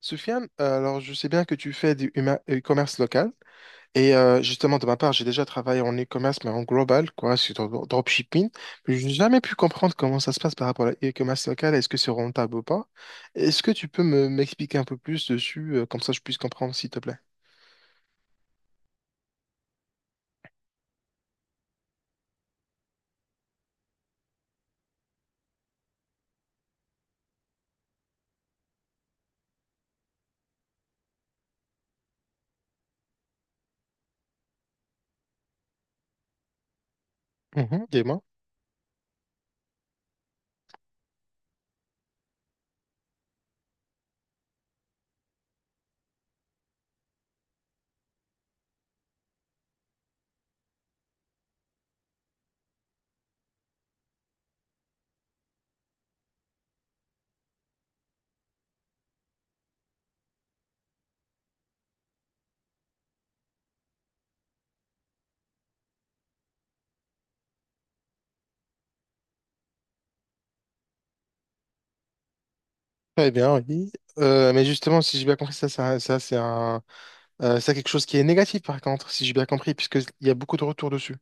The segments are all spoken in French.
Soufiane, alors je sais bien que tu fais du e-commerce local et justement de ma part, j'ai déjà travaillé en e-commerce mais en global, quoi, sur dropshipping. Mais je n'ai jamais pu comprendre comment ça se passe par rapport à l'e-commerce local. Est-ce que c'est rentable ou pas? Est-ce que tu peux me m'expliquer un peu plus dessus, comme ça je puisse comprendre, s'il te plaît? Mhm, dis-moi. Très bien, oui. Mais justement, si j'ai bien compris, ça c'est c'est quelque chose qui est négatif par contre, si j'ai bien compris, puisqu'il y a beaucoup de retours dessus.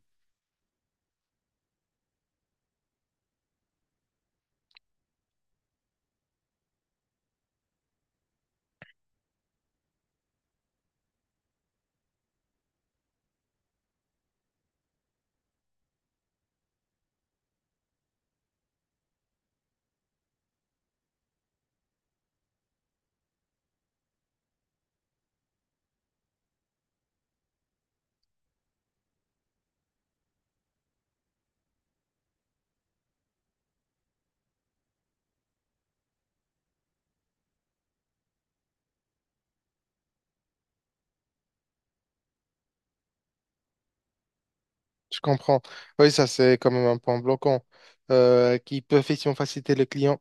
Je comprends. Oui, ça, c'est quand même un point bloquant qui peut effectivement faciliter le client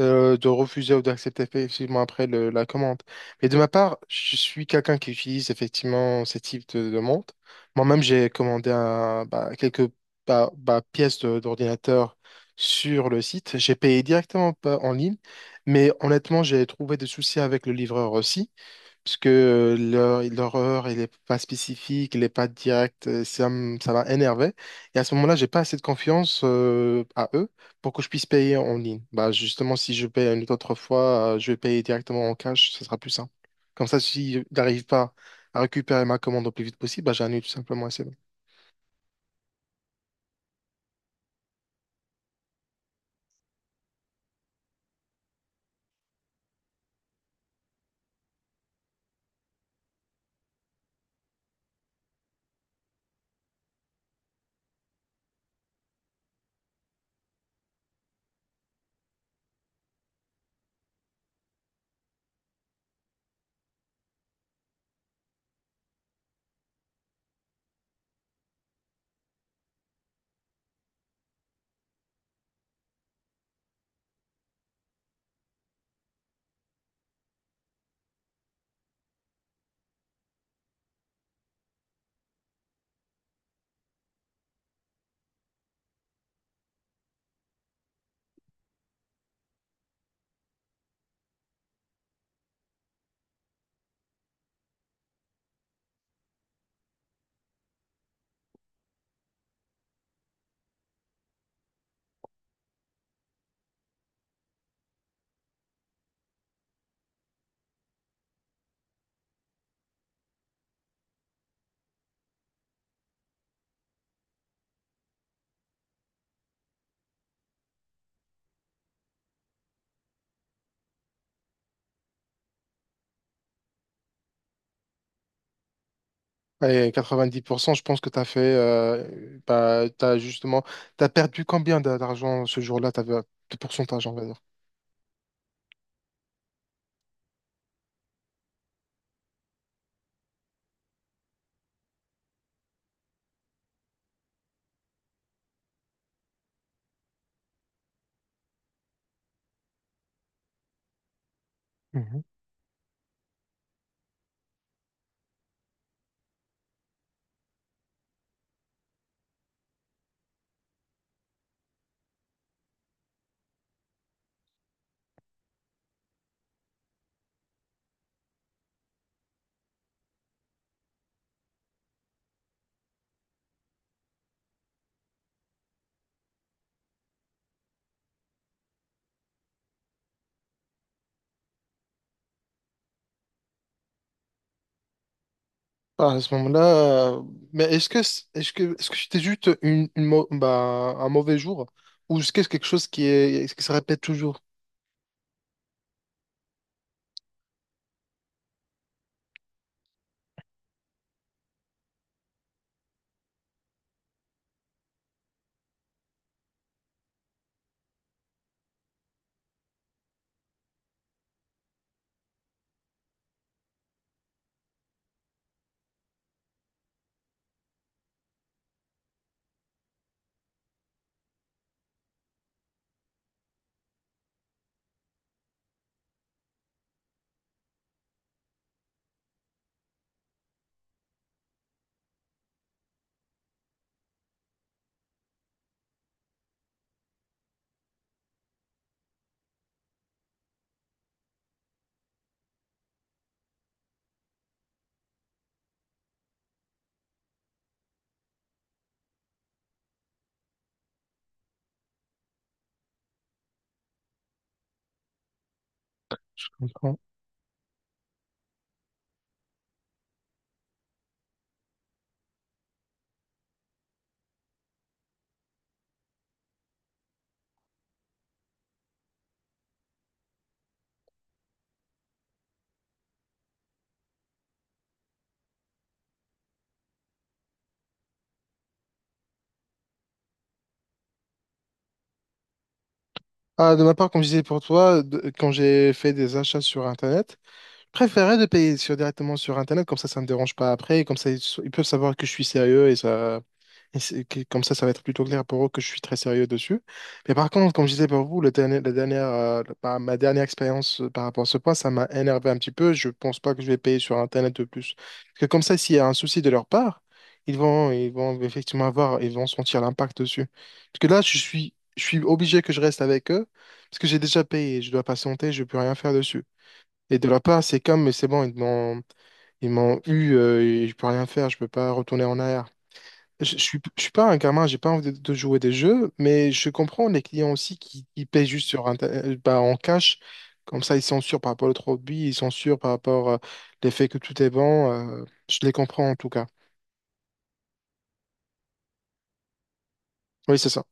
de refuser ou d'accepter effectivement après la commande. Mais de ma part, je suis quelqu'un qui utilise effectivement ce type de demande. Moi-même, j'ai commandé bah, quelques bah, pièces d'ordinateur sur le site. J'ai payé directement pas en ligne, mais honnêtement, j'ai trouvé des soucis avec le livreur aussi puisque leur heure, il n'est pas spécifique, il n'est pas direct, ça m'a énervé. Et à ce moment-là, j'ai pas assez de confiance à eux pour que je puisse payer en ligne. Bah, justement, si je paye une autre fois, je vais payer directement en cash, ce sera plus simple. Comme ça, si je n'arrive pas à récupérer ma commande au plus vite possible, bah, j'annule tout simplement. Et 90%, je pense que tu as fait, t'as justement, tu as perdu combien d'argent ce jour-là, t'avais, de pourcentage, on va dire. Ah, à ce moment-là, euh, mais est-ce que c'était juste une un mauvais jour ou est-ce que c'est quelque chose qui est qui se répète toujours? Je comprends. Ah, de ma part, comme je disais pour toi, quand j'ai fait des achats sur Internet. Préférerais de payer sur, directement sur Internet, comme ça ne me dérange pas après, et comme ça, ils peuvent savoir que je suis sérieux et ça, et c'est- que- comme ça va être plutôt clair pour eux que je suis très sérieux dessus. Mais par contre, comme je disais pour vous, la dernière, ma dernière expérience par rapport à ce point, ça m'a énervé un petit peu. Je pense pas que je vais payer sur Internet de plus. Parce que comme ça, s'il y a un souci de leur part, ils vont effectivement avoir, ils vont sentir l'impact dessus. Parce que là, je suis obligé que je reste avec eux, parce que j'ai déjà payé, je dois patienter, je peux rien faire dessus. Et de leur part, c'est comme, mais c'est bon, ils m'ont eu, et je peux rien faire, je peux pas retourner en arrière. Je suis pas un gamin, j'ai pas envie de jouer des jeux, mais je comprends les clients aussi qui paient juste sur en cash. Comme ça, ils sont sûrs par rapport au produit, ils sont sûrs par rapport à l'effet que tout est bon. Je les comprends en tout cas. Oui, c'est ça.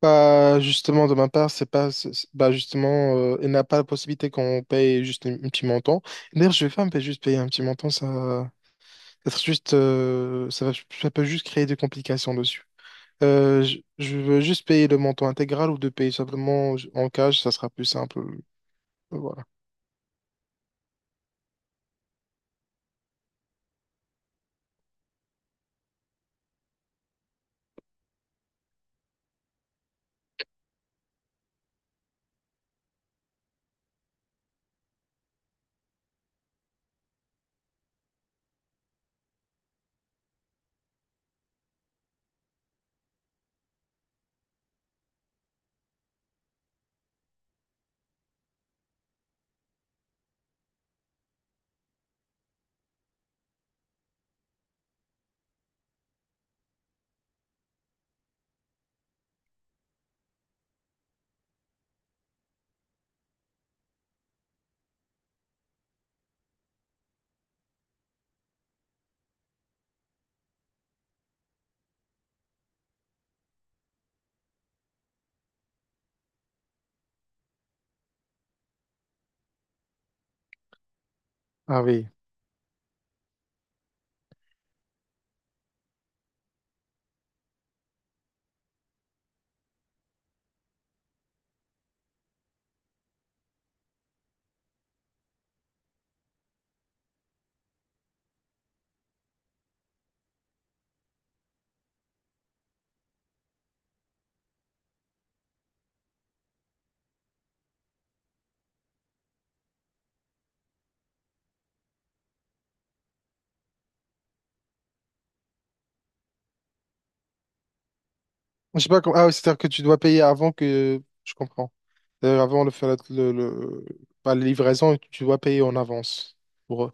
Bah, justement, de ma part, c'est pas, c'est- bah, justement, il n'a pas la possibilité qu'on paye un petit montant. D'ailleurs, je vais pas me payer- juste payer un petit montant, ça ça être juste, ça va, ça peut juste créer des complications dessus. Je veux juste payer le montant intégral ou de payer simplement en cash, ça sera plus simple. Voilà. Ah oui. Je sais pas comment. Ah oui, c'est-à-dire que tu dois payer avant que. Je comprends. Avant de faire pas la livraison, tu dois payer en avance pour eux.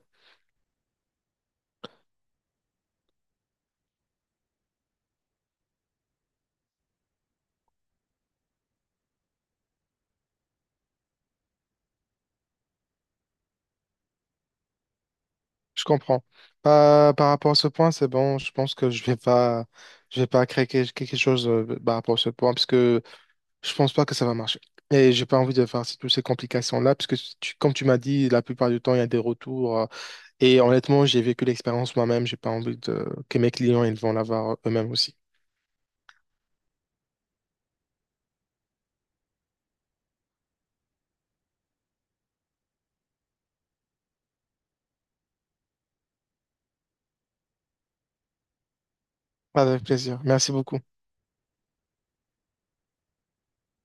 Je comprends. Par rapport à ce point, c'est bon. Je pense que je vais pas créer quelque chose par rapport à ce point, puisque je pense pas que ça va marcher. Et j'ai pas envie de faire toutes ces complications-là, parce que comme tu m'as dit, la plupart du temps, il y a des retours. Et honnêtement, j'ai vécu l'expérience moi-même. J'ai pas envie de... que mes clients, ils vont l'avoir eux-mêmes aussi. Avec plaisir. Merci beaucoup.